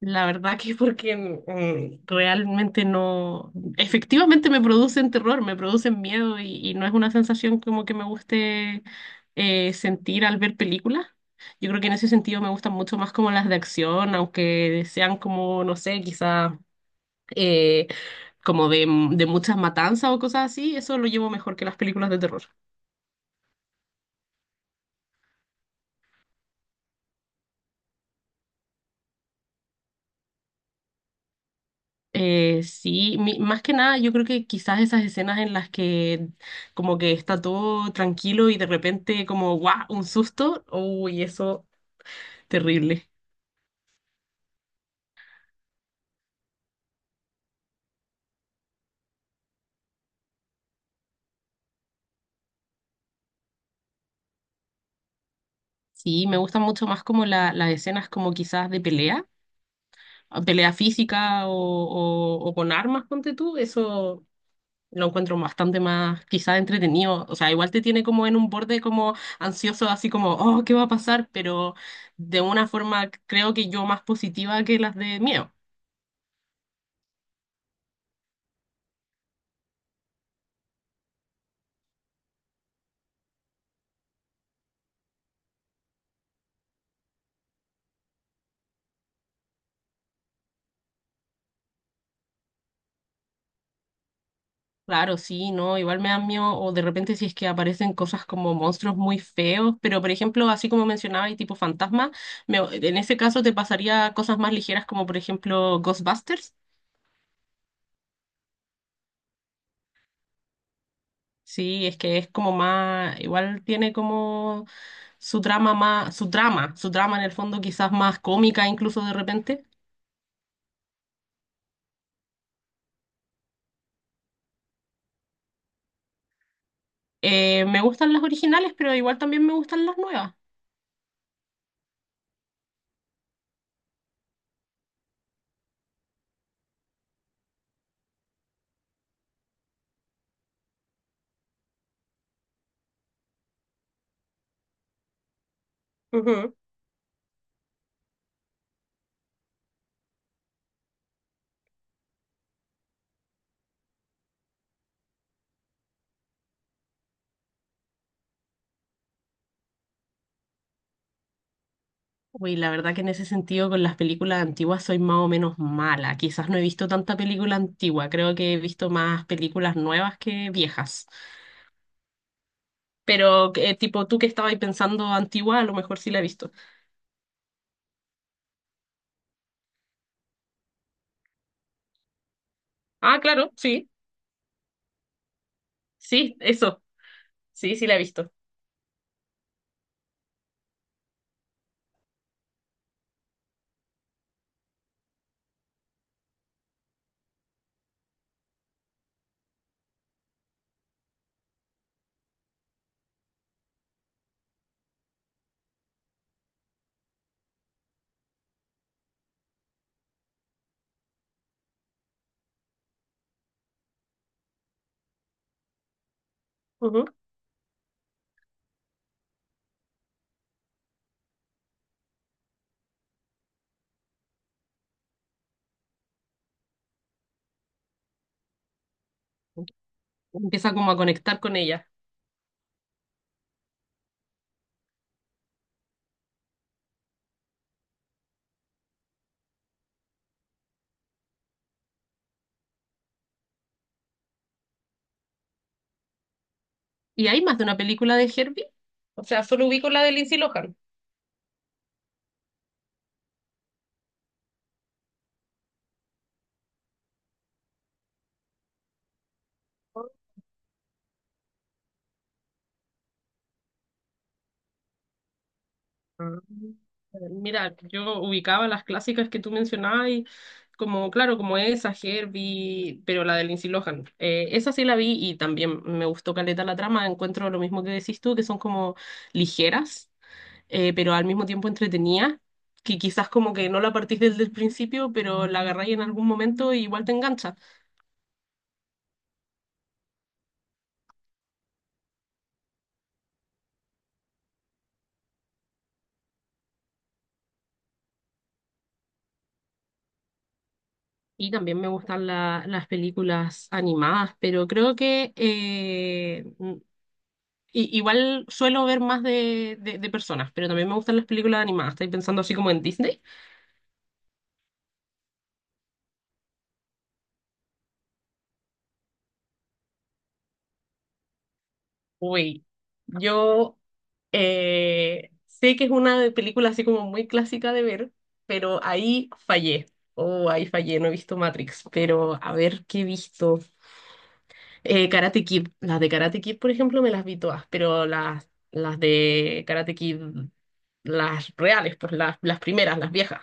La verdad que porque realmente no, efectivamente me producen terror, me producen miedo y no es una sensación como que me guste sentir al ver películas. Yo creo que en ese sentido me gustan mucho más como las de acción, aunque sean como, no sé, quizás como de muchas matanzas o cosas así, eso lo llevo mejor que las películas de terror. Sí, más que nada yo creo que quizás esas escenas en las que como que está todo tranquilo y de repente como guau, un susto, uy, eso terrible. Sí, me gustan mucho más como las escenas como quizás de pelea, pelea física o con armas, ponte tú, eso lo encuentro bastante más quizás entretenido. O sea, igual te tiene como en un borde como ansioso, así como, oh, ¿qué va a pasar? Pero de una forma creo que yo más positiva que las de miedo. Claro, sí, no, igual me dan miedo, o de repente si es que aparecen cosas como monstruos muy feos, pero por ejemplo, así como mencionaba, y tipo fantasma, en ese caso te pasaría cosas más ligeras como por ejemplo Ghostbusters, sí, es que es como más, igual tiene como su trama más, su trama en el fondo quizás más cómica incluso de repente. Me gustan las originales, pero igual también me gustan las nuevas. Ujú. Uy, la verdad que en ese sentido con las películas antiguas soy más o menos mala. Quizás no he visto tanta película antigua, creo que he visto más películas nuevas que viejas. Pero tipo tú que estabas ahí pensando antigua, a lo mejor sí la he visto. Ah, claro, sí, sí, eso, sí, sí la he visto. Ujú. Empieza como a conectar con ella. ¿Y hay más de una película de Herbie? O sea, solo ubico la de Lindsay Lohan. Ah, mira, yo ubicaba las clásicas que tú mencionabas y como, claro, como esa, Herbie, pero la de Lindsay Lohan. Esa sí la vi y también me gustó caleta la trama. Encuentro lo mismo que decís tú, que son como ligeras, pero al mismo tiempo entretenidas, que quizás como que no la partís desde el principio, pero la agarráis en algún momento y igual te engancha. Y también me gustan las películas animadas, pero creo que y igual suelo ver más de personas, pero también me gustan las películas animadas. Estoy pensando así como en Disney. Uy, yo sé que es una película así como muy clásica de ver, pero ahí fallé. Oh, ahí fallé, no he visto Matrix, pero a ver qué he visto. Karate Kid, las de Karate Kid, por ejemplo, me las vi todas, pero las de Karate Kid, las reales, pues las primeras, las viejas.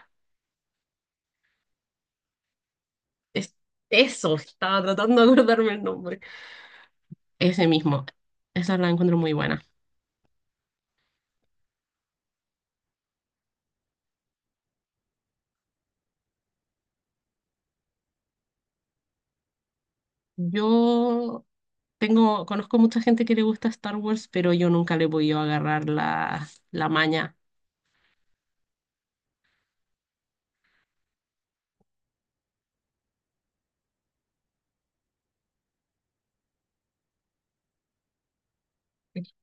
Es, eso, estaba tratando de acordarme el nombre. Ese mismo. Esa la encuentro muy buena. Yo tengo, conozco mucha gente que le gusta Star Wars, pero yo nunca le he podido agarrar la maña.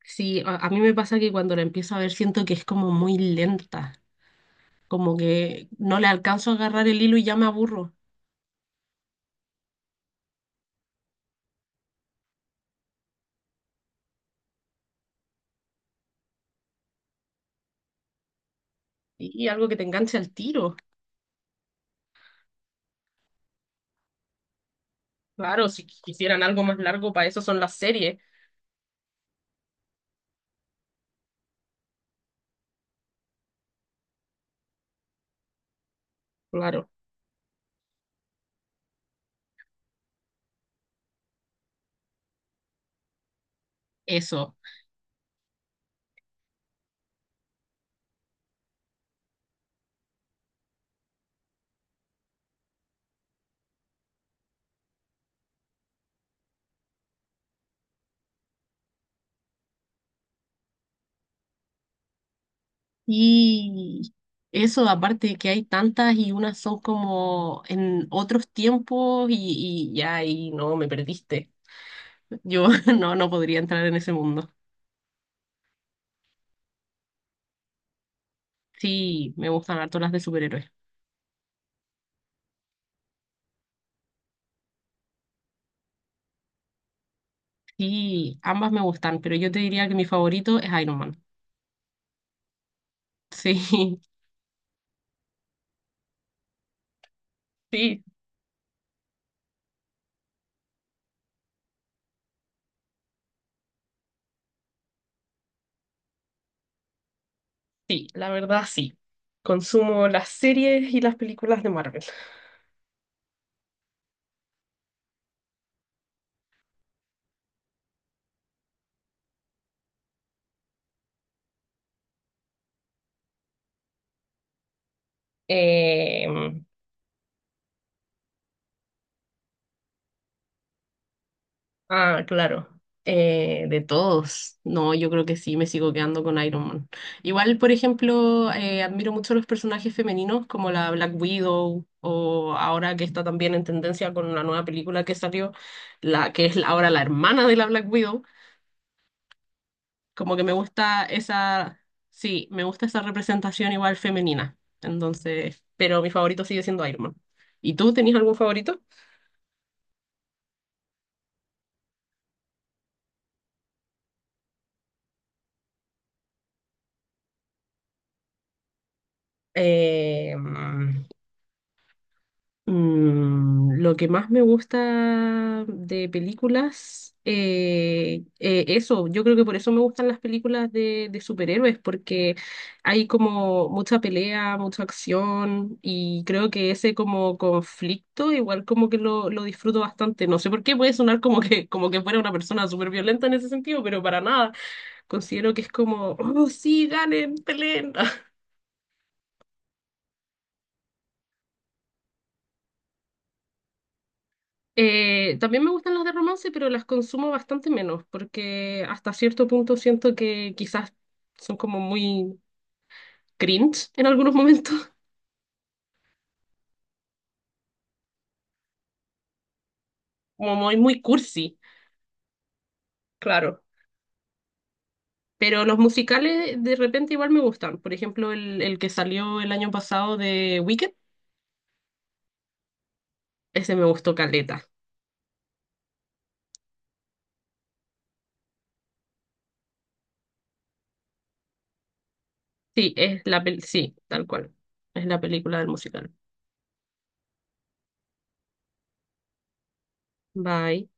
Sí, a mí me pasa que cuando la empiezo a ver siento que es como muy lenta, como que no le alcanzo a agarrar el hilo y ya me aburro. Y algo que te enganche al tiro. Claro, si quisieran algo más largo, para eso son las series. Claro, eso. Y eso, aparte de que hay tantas y unas son como en otros tiempos y ya, y no, me perdiste. Yo no, no podría entrar en ese mundo. Sí, me gustan harto las de superhéroes. Sí, ambas me gustan, pero yo te diría que mi favorito es Iron Man. Sí, sí, sí, la verdad sí. Consumo las series y las películas de Marvel. Eh, Ah, claro. De todos. No, yo creo que sí, me sigo quedando con Iron Man. Igual, por ejemplo, admiro mucho los personajes femeninos como la Black Widow o ahora que está también en tendencia con la nueva película que salió, la que es ahora la hermana de la Black Widow. Como que me gusta esa, sí, me gusta esa representación igual femenina. Entonces, pero mi favorito sigue siendo Iron Man. ¿Y tú tenías algún favorito? Eh, lo que más me gusta de películas, eso, yo creo que por eso me gustan las películas de superhéroes, porque hay como mucha pelea, mucha acción, y creo que ese como conflicto igual como que lo disfruto bastante. No sé por qué puede sonar como que fuera una persona súper violenta en ese sentido, pero para nada. Considero que es como, oh, sí, ganen, peleen. También me gustan las de romance, pero las consumo bastante menos, porque hasta cierto punto siento que quizás son como muy cringe en algunos momentos, como muy, muy cursi, claro. Pero los musicales de repente igual me gustan. Por ejemplo, el que salió el año pasado de Wicked, ese me gustó caleta. Sí, es sí, tal cual. Es la película del musical. Bye.